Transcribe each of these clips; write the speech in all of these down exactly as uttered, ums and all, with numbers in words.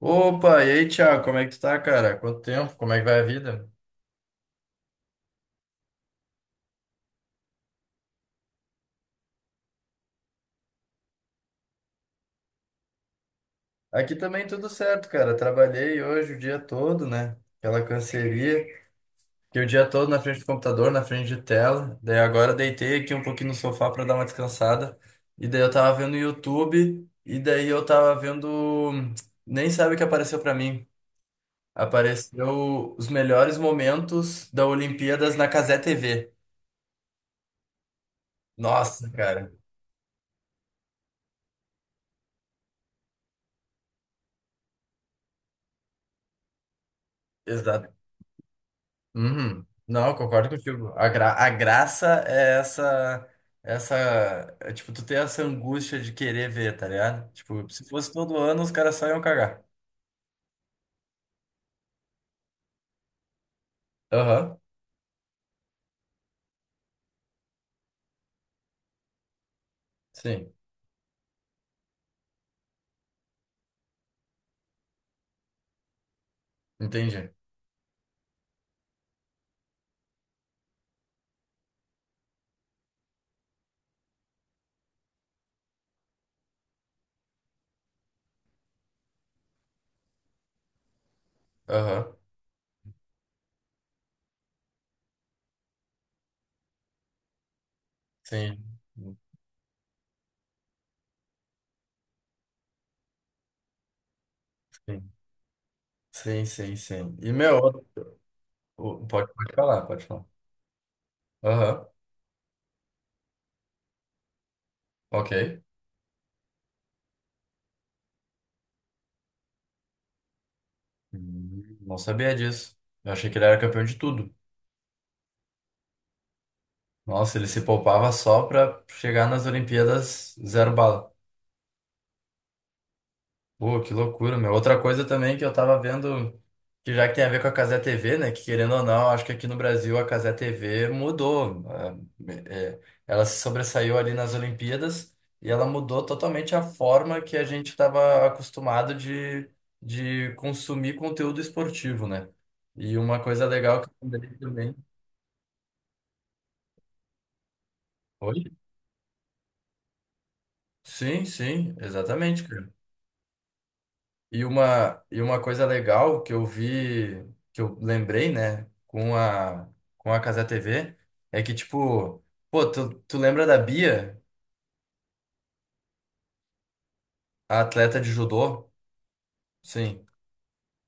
Opa, e aí, Thiago, como é que tu tá, cara? Quanto tempo? Como é que vai a vida? Aqui também tudo certo, cara. Trabalhei hoje o dia todo, né? Aquela canseria. Fiquei o dia todo na frente do computador, na frente de tela. Daí agora deitei aqui um pouquinho no sofá pra dar uma descansada. E daí eu tava vendo YouTube. E daí eu tava vendo. Nem sabe o que apareceu pra mim. Apareceu os melhores momentos da Olimpíadas na Cazé T V. Nossa, cara. Uhum. Não, eu concordo contigo. A, gra a graça é essa, essa, é, tipo, tu ter essa angústia de querer ver, tá ligado? Tipo, se fosse todo ano, os caras só iam cagar. Aham. Sim, entendi. Aham. Sim, sim, sim, sim, sim. E, meu, outro- o- pode, pode falar, pode falar. Aham. Ok. Hum. Não sabia disso. Eu achei que ele era campeão de tudo. Nossa, ele se poupava só pra chegar nas Olimpíadas zero bala. Pô, que loucura, meu. Outra coisa também que eu tava vendo, que já que tem a ver com a Cazé T V, né? Que querendo ou não, acho que aqui no Brasil a Cazé T V mudou. É, é, ela se sobressaiu ali nas Olimpíadas e ela mudou totalmente a forma que a gente estava acostumado de, de, consumir conteúdo esportivo, né? E uma coisa legal que eu lembrei também. Oi? Sim, sim, exatamente. E uma, e uma coisa legal que eu vi, que eu lembrei, né, com a, com a, Casa T V, é que, tipo, pô, tu, tu lembra da Bia, a atleta de judô? Sim.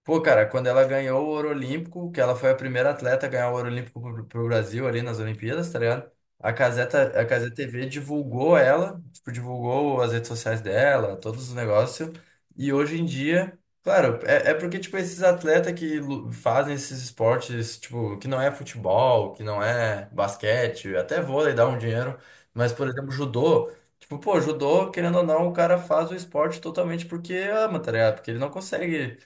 Pô, cara, quando ela ganhou o ouro olímpico, que ela foi a primeira atleta a ganhar o ouro olímpico pro, pro, Brasil ali nas Olimpíadas, tá ligado? A Caseta, a Caseta T V divulgou ela, tipo, divulgou as redes sociais dela, todos os negócios. E hoje em dia, claro, é, é porque, tipo, esses atletas que lu- fazem esses esportes, tipo, que não é futebol, que não é basquete, até vôlei dá um dinheiro, mas, por exemplo, judô. Tipo, pô, judô, querendo ou não, o cara faz o esporte totalmente porque ama, tá ligado? Porque ele não consegue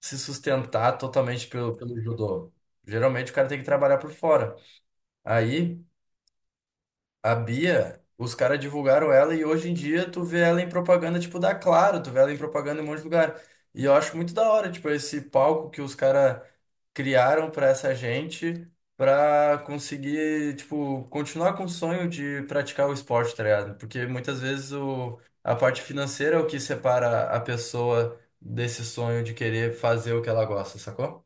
se sustentar totalmente pelo, pelo judô. Geralmente o cara tem que trabalhar por fora. Aí, a Bia, os caras divulgaram ela e hoje em dia tu vê ela em propaganda tipo da Claro, tu vê ela em propaganda em um monte de lugar. E eu acho muito da hora, tipo, esse palco que os caras criaram pra essa gente pra conseguir, tipo, continuar com o sonho de praticar o esporte, tá ligado? Porque muitas vezes o, a parte financeira é o que separa a pessoa desse sonho de querer fazer o que ela gosta, sacou?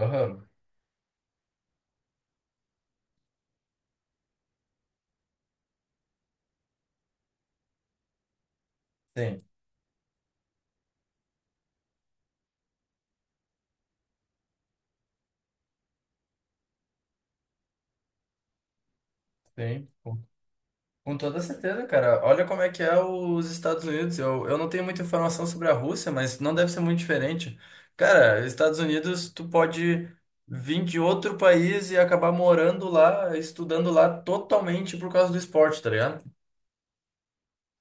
Aham. Sim, sim. Com com toda certeza, cara. Olha como é que é os Estados Unidos. Eu, eu não tenho muita informação sobre a Rússia, mas não deve ser muito diferente. Cara, Estados Unidos, tu pode vir de outro país e acabar morando lá, estudando lá totalmente por causa do esporte, tá ligado?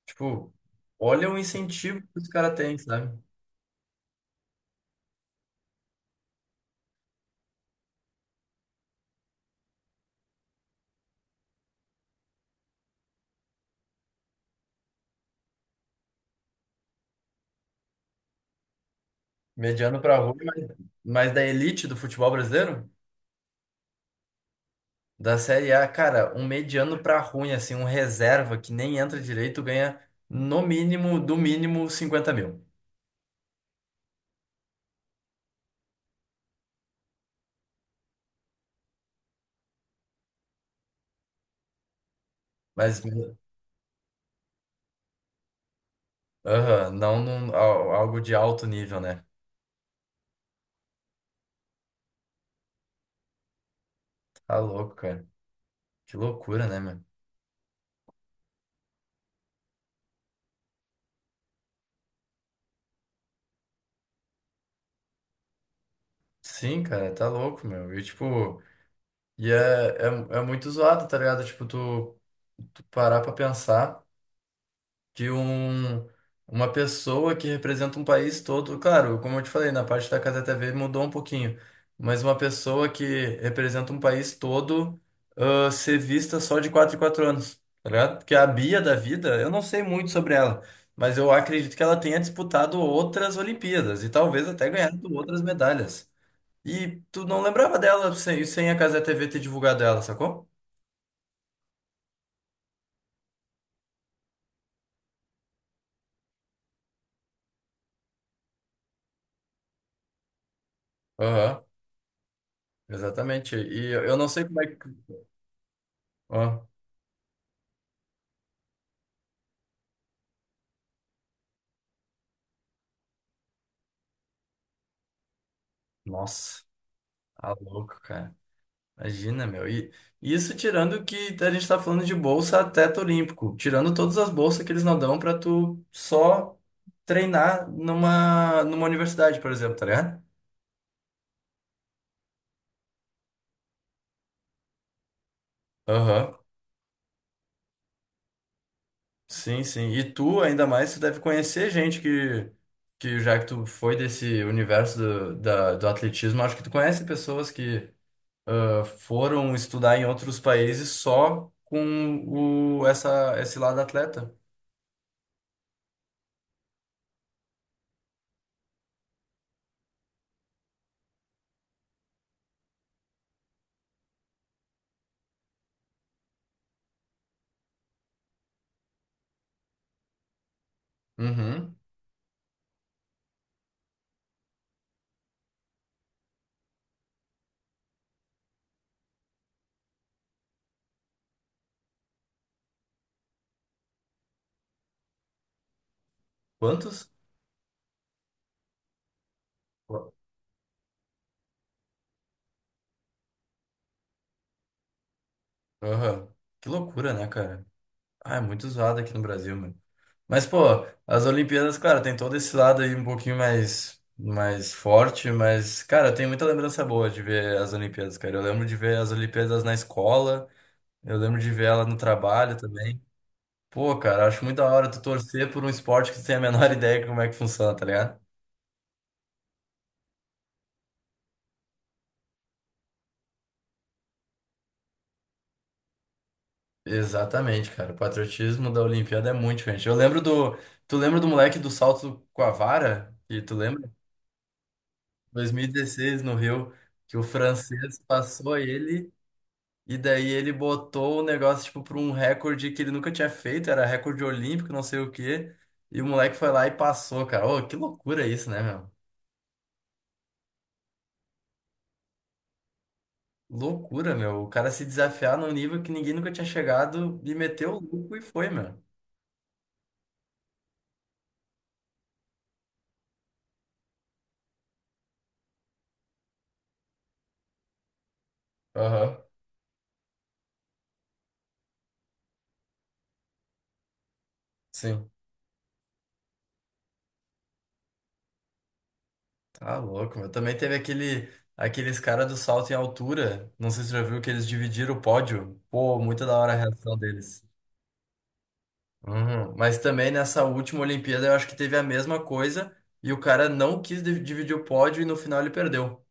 Tipo, olha o incentivo que os caras têm, sabe? Mediano pra rua, mas, mas da elite do futebol brasileiro? Da Série A, cara, um mediano pra ruim, assim, um reserva que nem entra direito ganha no mínimo, do mínimo, cinquenta mil. Mas, aham, não num- al- algo de alto nível, né? Tá louco, cara. Que loucura, né, meu? Sim, cara, tá louco, meu. E, tipo, e é, é, é muito zoado, tá ligado? Tipo, tu, tu parar pra pensar. De um, uma pessoa que representa um país todo. Claro, como eu te falei, na parte da Casa T V mudou um pouquinho, mas uma pessoa que representa um país todo, ah, ser vista só de quatro em quatro anos, tá ligado? Porque a Bia da vida, eu não sei muito sobre ela, mas eu acredito que ela tenha disputado outras Olimpíadas e talvez até ganhado outras medalhas. E tu não lembrava dela sem, sem a Casa T V ter divulgado ela, sacou? Aham, exatamente. E eu eu não sei como é que. Ó, nossa. Tá louco, cara. Imagina, meu. E isso tirando que a gente tá falando de bolsa teto olímpico, tirando todas as bolsas que eles não dão pra tu só treinar numa, numa universidade, por exemplo, tá ligado? Aham. Sim, sim. E tu, ainda mais, tu deve conhecer gente que, que já que tu foi desse universo do, da, do atletismo, acho que tu conhece pessoas que, ah, foram estudar em outros países só com o, essa, esse lado atleta. Uhum. Quantos? Aham. Que loucura, né, cara? Ah, é muito usado aqui no Brasil, mano. Mas, pô, as Olimpíadas, claro, tem todo esse lado aí um pouquinho mais, mais forte, mas, cara, tem muita lembrança boa de ver as Olimpíadas, cara. Eu lembro de ver as Olimpíadas na escola, eu lembro de ver ela no trabalho também. Pô, cara, acho muito da hora tu torcer por um esporte que tu tem a menor ideia de como é que funciona, tá ligado? Exatamente, cara. O patriotismo da Olimpíada é muito diferente. Eu lembro do. Tu lembra do moleque do salto com a vara? E tu lembra? dois mil e dezesseis no Rio, que o francês passou ele e daí ele botou o negócio tipo para um recorde que ele nunca tinha feito, era recorde olímpico, não sei o quê. E o moleque foi lá e passou, cara. Ô, que loucura isso, né, meu? Loucura, meu. O cara se desafiar num nível que ninguém nunca tinha chegado e meteu o louco e foi, meu. Aham. Sim. Tá louco, meu. Também teve aquele, aqueles caras do salto em altura. Não sei se você já viu que eles dividiram o pódio. Pô, muito da hora a reação deles. Uhum. Mas também nessa última Olimpíada eu acho que teve a mesma coisa e o cara não quis div- dividir o pódio e no final ele perdeu.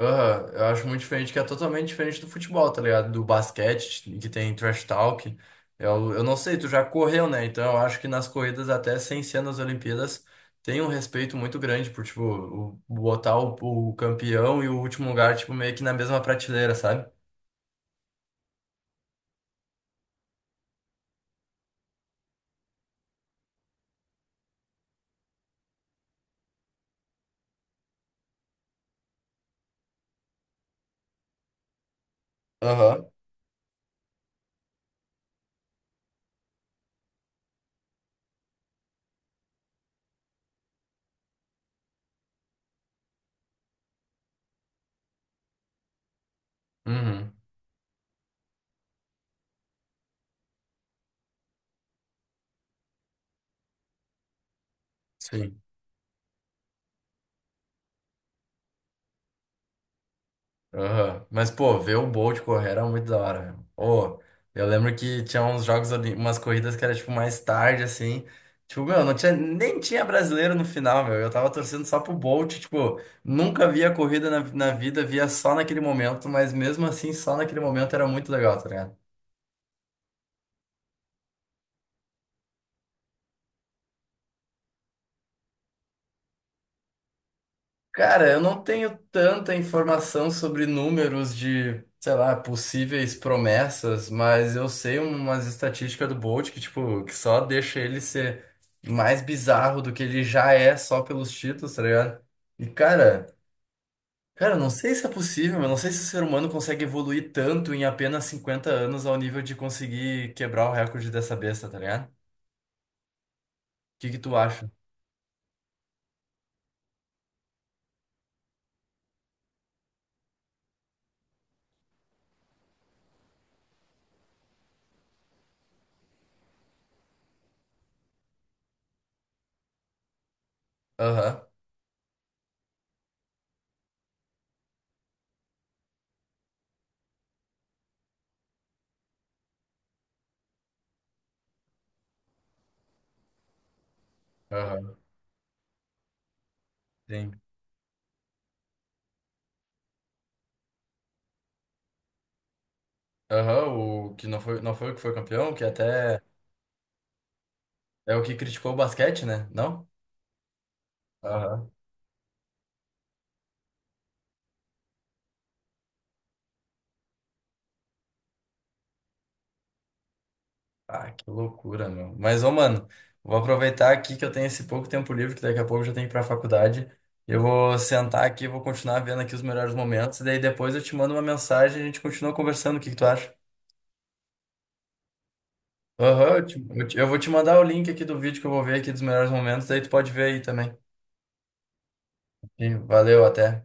Aham. Eu acho muito diferente, que é totalmente diferente do futebol, tá ligado? Do basquete, que tem trash talk. Eu, eu não sei, tu já correu, né? Então eu acho que nas corridas, até sem ser nas Olimpíadas, tem um respeito muito grande por, tipo, o- botar o, o campeão e o último lugar, tipo, meio que na mesma prateleira, sabe? Aham. Uhum. Sim. Aham. Mas, pô, ver o Bolt correr era muito da hora, velho. Ô, eu lembro que tinha uns jogos ali, umas corridas que era, tipo, mais tarde, assim. Tipo, meu, não tinha, nem tinha brasileiro no final, meu. Eu tava torcendo só pro Bolt, tipo, nunca via corrida na, na vida, via só naquele momento, mas mesmo assim, só naquele momento era muito legal, tá ligado? Cara, eu não tenho tanta informação sobre números de, sei lá, possíveis promessas, mas eu sei umas estatísticas do Bolt que, tipo, que só deixa ele ser mais bizarro do que ele já é só pelos títulos, tá ligado? E, cara, cara, eu não sei se é possível, eu não sei se o ser humano consegue evoluir tanto em apenas cinquenta anos ao nível de conseguir quebrar o recorde dessa besta, tá ligado? O que que tu acha? Aham. Aham. Sim. Aham, o que não foi, não foi o que foi campeão, que até. É o que criticou o basquete, né? Não? Aham. Ah, que loucura, meu. Mas, ô, mano, vou aproveitar aqui que eu tenho esse pouco tempo livre, que daqui a pouco eu já tenho que ir pra faculdade. Eu vou sentar aqui, vou continuar vendo aqui os melhores momentos, e daí depois eu te mando uma mensagem e a gente continua conversando. O que que tu acha? Aham. Eu, te- eu te- eu vou te mandar o link aqui do vídeo que eu vou ver aqui dos melhores momentos, daí tu pode ver aí também. Sim, valeu, até.